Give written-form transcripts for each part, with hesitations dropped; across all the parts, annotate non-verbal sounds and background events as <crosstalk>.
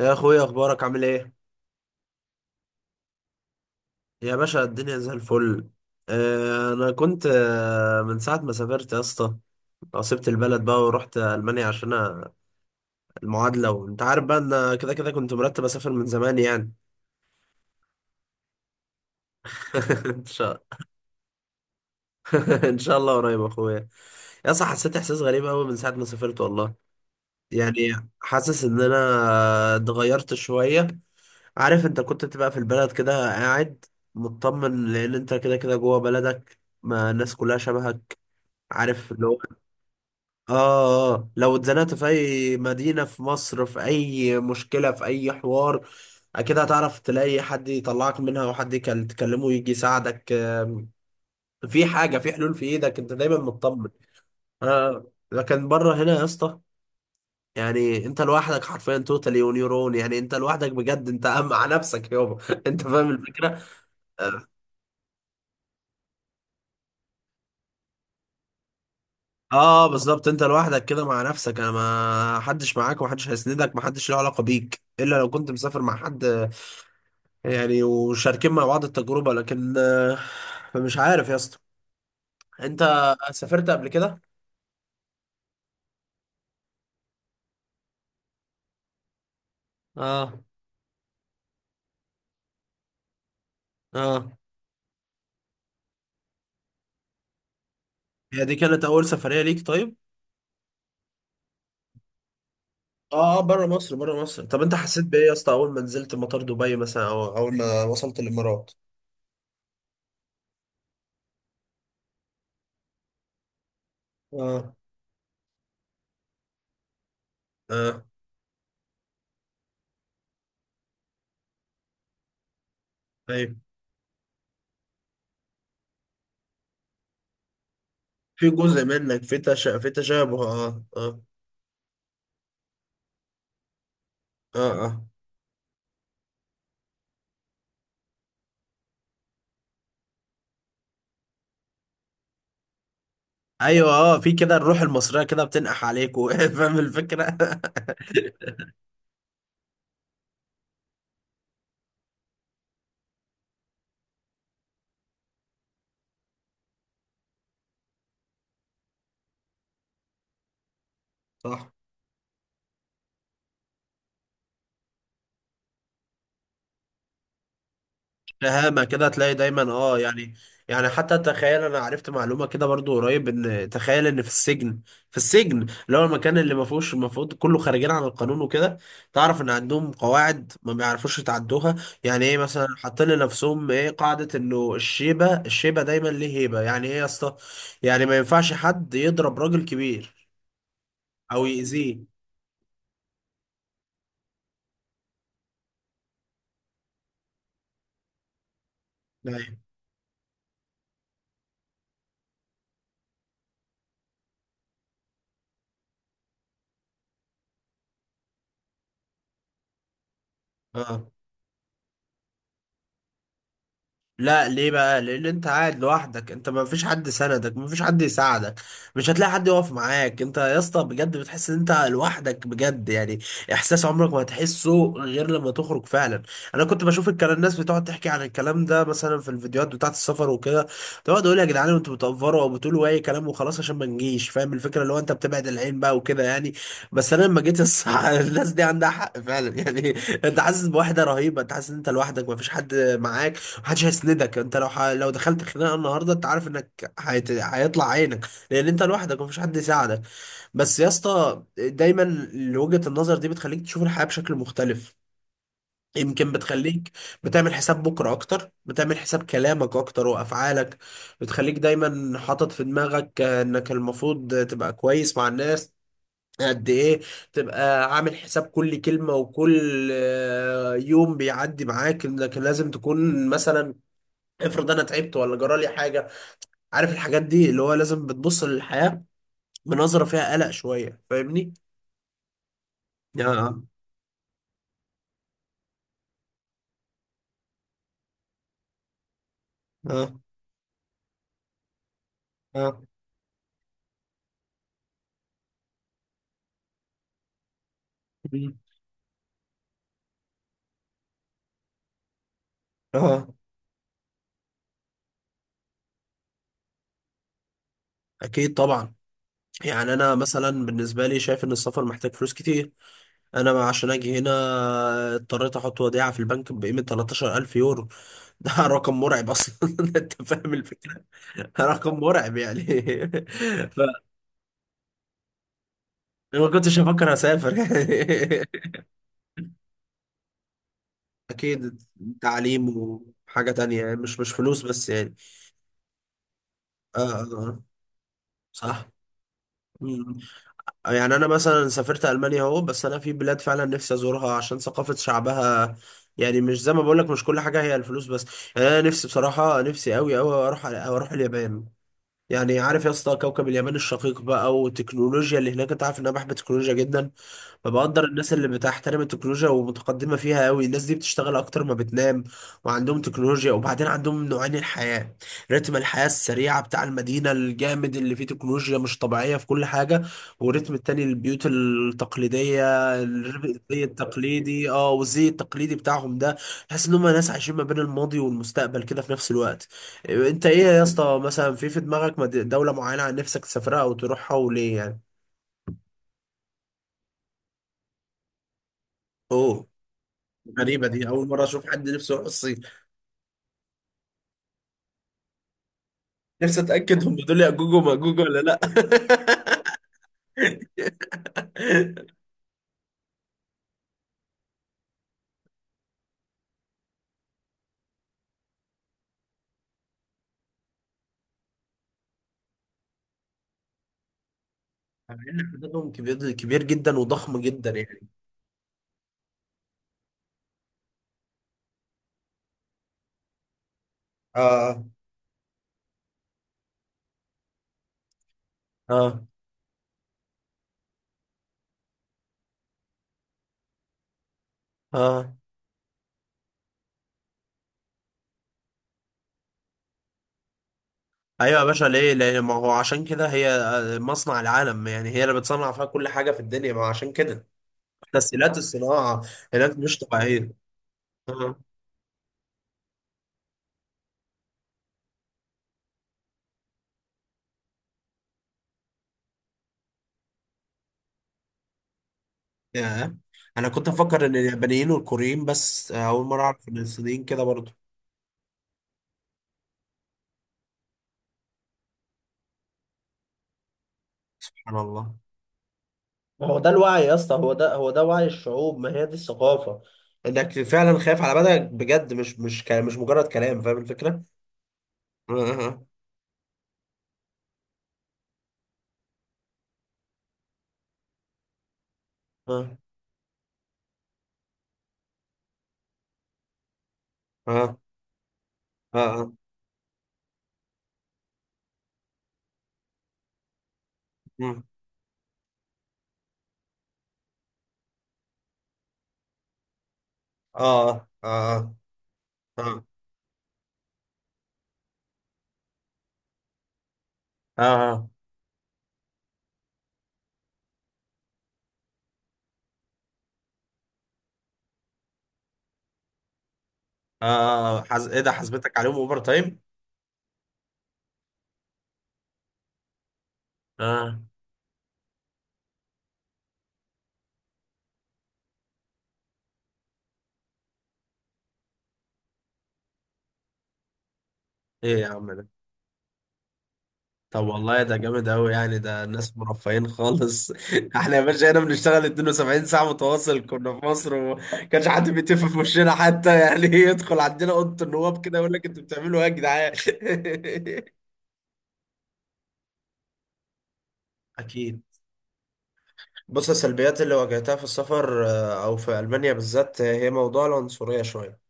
يا اخويا، اخبارك عامل ايه؟ يا باشا الدنيا زي الفل. انا كنت من ساعه ما سافرت يا اسطى. سبت البلد بقى ورحت المانيا عشان المعادله، وانت عارف بقى ان كده كده كنت مرتب اسافر من زمان يعني. <laughs> ان شاء... <laughs> ان شاء الله قريب يا اخويا. يا اسطى حسيت احساس غريب قوي من ساعه ما سافرت والله. يعني حاسس ان انا اتغيرت شويه. عارف انت كنت بتبقى في البلد كده قاعد مطمن، لان انت كده كده جوه بلدك، ما الناس كلها شبهك. عارف اللي هو... اه آه. لو اتزنقت في اي مدينة في مصر، في اي مشكلة، في اي حوار اكيد هتعرف تلاقي حد يطلعك منها، وحد تكلمه يجي يساعدك، في حاجة، في حلول في ايدك. انت دايما مطمن. آه، لكن بره هنا يا اسطى، يعني انت لوحدك حرفيا توتالي ونيورون. يعني انت لوحدك بجد، انت <laughs> مع نفسك يابا <laughs> انت فاهم الفكرة. اه بالظبط انت لوحدك كده مع نفسك، انا ما حدش معاك، ومحدش هيسندك، محدش له علاقة بيك الا لو كنت مسافر مع حد، يعني وشاركين مع بعض التجربة. لكن مش عارف يا اسطى. انت سافرت قبل كده؟ اه اه. هي دي كانت أول سفرية ليك طيب؟ اه اه، بره مصر، بره مصر. طب انت حسيت بإيه يا اسطى أول ما نزلت مطار دبي مثلا، أو أول ما وصلت الإمارات؟ اه اه. ايوه، في جزء منك، في تشابه، اه اه اه اه. ايوه اه، في كده الروح المصريه كده بتنقح عليك <laughs> فاهم الفكره. <laughs> صح. شهامة كده هتلاقي دايما، اه يعني. يعني حتى تخيل، انا عرفت معلومة كده برضو قريب، ان تخيل ان في السجن، في السجن اللي هو المكان اللي ما فيهوش المفروض، كله خارجين عن القانون وكده، تعرف ان عندهم قواعد ما بيعرفوش يتعدوها. يعني ايه مثلا؟ حاطين لنفسهم ايه قاعدة انه الشيبة دايما ليه هيبة. يعني ايه يا اسطى؟ يعني ما ينفعش حد يضرب راجل كبير او يأذيه. أيوة. اه لا، ليه بقى؟ لان انت قاعد لوحدك، انت ما فيش حد سندك، ما فيش حد يساعدك، مش هتلاقي حد يقف معاك. انت يا اسطى بجد بتحس ان انت لوحدك بجد يعني. احساس عمرك ما هتحسه غير لما تخرج فعلا. انا كنت بشوف الكلام، الناس بتقعد تحكي عن الكلام ده مثلا في الفيديوهات بتاعه السفر وكده. تقعد اقول يا جدعان انتوا بتأفروا او بتقولوا اي كلام وخلاص عشان ما نجيش، فاهم الفكره اللي هو انت بتبعد العين بقى وكده يعني. بس انا لما جيت <laughs> الناس دي عندها حق فعلا يعني. انت حاسس بوحده رهيبه، انت حاسس ان انت لوحدك، ما فيش حد معاك، محدش هيسندك. انت لو لو دخلت خناقه النهارده انت عارف انك هيطلع عينك، لان انت لوحدك ومفيش حد يساعدك. بس يا اسطى، دايما وجهه النظر دي بتخليك تشوف الحياه بشكل مختلف. يمكن بتخليك بتعمل حساب بكره اكتر، بتعمل حساب كلامك اكتر وافعالك. بتخليك دايما حاطط في دماغك انك المفروض تبقى كويس مع الناس. قد ايه تبقى عامل حساب كل كلمة وكل يوم بيعدي معاك، انك لازم تكون مثلا، افرض انا تعبت ولا جرالي حاجه. عارف الحاجات دي اللي هو لازم بتبص للحياه بنظره فيها قلق شويه، فاهمني؟ اه اه اه. مم. اه، اكيد طبعا. يعني انا مثلا بالنسبه لي شايف ان السفر محتاج فلوس كتير. انا عشان اجي هنا اضطريت احط وديعه في البنك بقيمه 13,000 يورو. <laughs> ده رقم مرعب اصلا <laughs> انت فاهم الفكره. رقم مرعب يعني <laughs> فما كنتش افكر اسافر. <laughs> اكيد. تعليم وحاجة تانية، يعني مش مش فلوس بس يعني. اه اه آه. صح. مم. يعني انا مثلا سافرت المانيا اهو، بس انا في بلاد فعلا نفسي ازورها عشان ثقافة شعبها. يعني مش زي ما بقول لك مش كل حاجة هي الفلوس بس. يعني انا نفسي بصراحة، نفسي قوي قوي اروح اليابان. يعني عارف يا اسطى كوكب اليابان الشقيق بقى، والتكنولوجيا اللي هناك. انت عارف ان انا بحب التكنولوجيا جدا. فبقدر الناس اللي بتحترم التكنولوجيا ومتقدمة فيها قوي، الناس دي بتشتغل أكتر ما بتنام. وعندهم تكنولوجيا، وبعدين عندهم نوعين الحياة. رتم الحياة السريعة بتاع المدينة الجامد اللي فيه تكنولوجيا مش طبيعية في كل حاجة، والرتم التاني البيوت التقليدية، الزي التقليدي، اه والزي التقليدي بتاعهم ده. تحس إن هم ناس عايشين ما بين الماضي والمستقبل كده في نفس الوقت. أنت إيه يا اسطى، مثلا في دماغك دولة معينة عن نفسك تسافرها أو تروحها، وليه يعني؟ أوه، غريبة دي، أول مرة أشوف حد نفسه يروح الصين. نفسي أتأكد هم دول يأجوج ومأجوج ولا لأ <laughs> مع إن عددهم كبير كبير جدا وضخم جدا يعني. اه اه اه. ايوه يا باشا، ليه ليه؟ ما هو عشان كده هي مصنع العالم يعني، هي اللي بتصنع فيها كل حاجة في الدنيا، ما هو عشان كده تسهيلات الصناعة هناك مش طبيعية. اه يا. أنا كنت أفكر إن اليابانيين والكوريين بس، أول مرة أعرف إن الصينيين كده برضه. سبحان الله. ما هو ده الوعي يا اسطى، هو ده هو ده وعي الشعوب، ما هي دي الثقافة. انك فعلا خايف على بدنك بجد، مش مش مش مجرد كلام، فاهم الفكرة؟ اه اه اه اه اه اه اه اه اه اه اه اه. آه، آه، آه، ايه ده، حسبتك عليهم اوفر تايم؟ اه. ايه يا عم ده. طب والله ده جامد أوي يعني، ده الناس مرفهين خالص <laughs> احنا يا باشا هنا بنشتغل 72 ساعة متواصل كنا في مصر، وكانش حد بيتف في وشنا حتى يعني <laughs> يدخل عندنا أوضة النواب كده يقول لك انتوا بتعملوا ايه يا جدعان. <laughs> أكيد. بص، السلبيات اللي واجهتها في السفر أو في ألمانيا بالذات، هي موضوع العنصرية شوية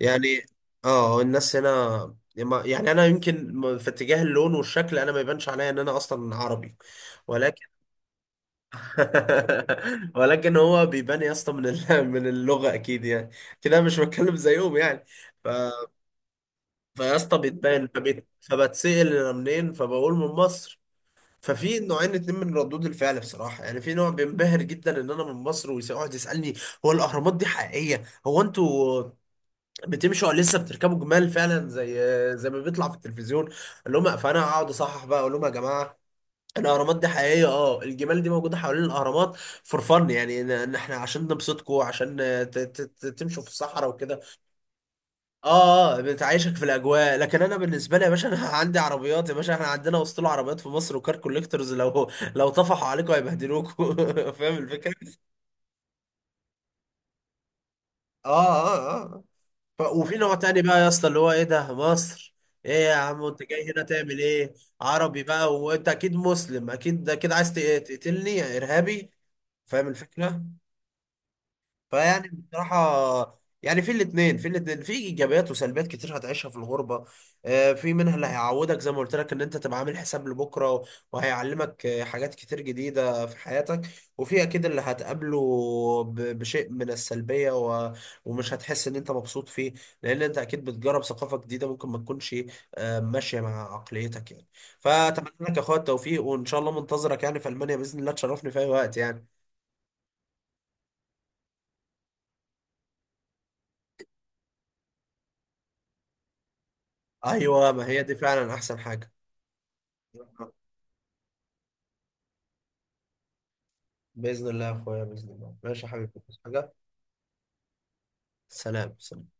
يعني. اه الناس هنا يعني، أنا يمكن في اتجاه اللون والشكل أنا ما يبانش عليا إن أنا أصلا عربي، ولكن <laughs> ولكن هو بيبان يا اسطى من <laughs> من اللغه اكيد يعني. كده مش بتكلم زيهم يعني. ف... فيا اسطى بيتبان، فبتسال انا منين، فبقول من مصر. ففي نوعين اتنين من ردود الفعل بصراحه يعني، في نوع بينبهر جدا ان انا من مصر ويقعد يسالني، هو الاهرامات دي حقيقيه؟ هو انتوا بتمشوا ولا لسه بتركبوا جمال فعلا زي زي ما بيطلع في التلفزيون؟ اقول لهم، فانا اقعد اصحح بقى اقول لهم يا جماعه الاهرامات دي حقيقيه اه، الجمال دي موجوده حوالين الاهرامات فور فن يعني، ان إن احنا عشان نبسطكم، عشان تمشوا في الصحراء وكده. اه اه، بتعيشك في الاجواء، لكن انا بالنسبه لي يا باشا انا <laughs> عندي عربيات يا باشا، احنا عندنا وسط عربيات في مصر وكار كوليكتورز، لو طفحوا عليكم هيبهدلوكوا <laughs> فاهم الفكره. اه اه اه. وفي نوع تاني بقى يا اسطى اللي هو ايه، ده مصر؟ ايه يا عم انت جاي هنا تعمل ايه؟ عربي بقى، وانت اكيد مسلم اكيد، ده كده عايز تقتلني يا ارهابي؟ فاهم الفكره. فيعني بصراحة يعني، في الاتنين في الاتنين، في ايجابيات وسلبيات كتير هتعيشها في الغربة. في منها اللي هيعودك زي ما قلت لك، ان انت تبقى عامل حساب لبكرة، وهيعلمك حاجات كتير جديدة في حياتك. وفي اكيد اللي هتقابله بشيء من السلبية، ومش هتحس ان انت مبسوط فيه، لان انت اكيد بتجرب ثقافة جديدة ممكن ما تكونش ماشية مع عقليتك يعني. فاتمنى لك يا اخويا التوفيق، وان شاء الله منتظرك يعني في المانيا، باذن الله تشرفني في اي وقت يعني. ايوه، ما هي دي فعلا احسن حاجة. باذن الله يا اخويا، باذن الله. ماشي يا حبيبي، بس حاجه... سلام سلام.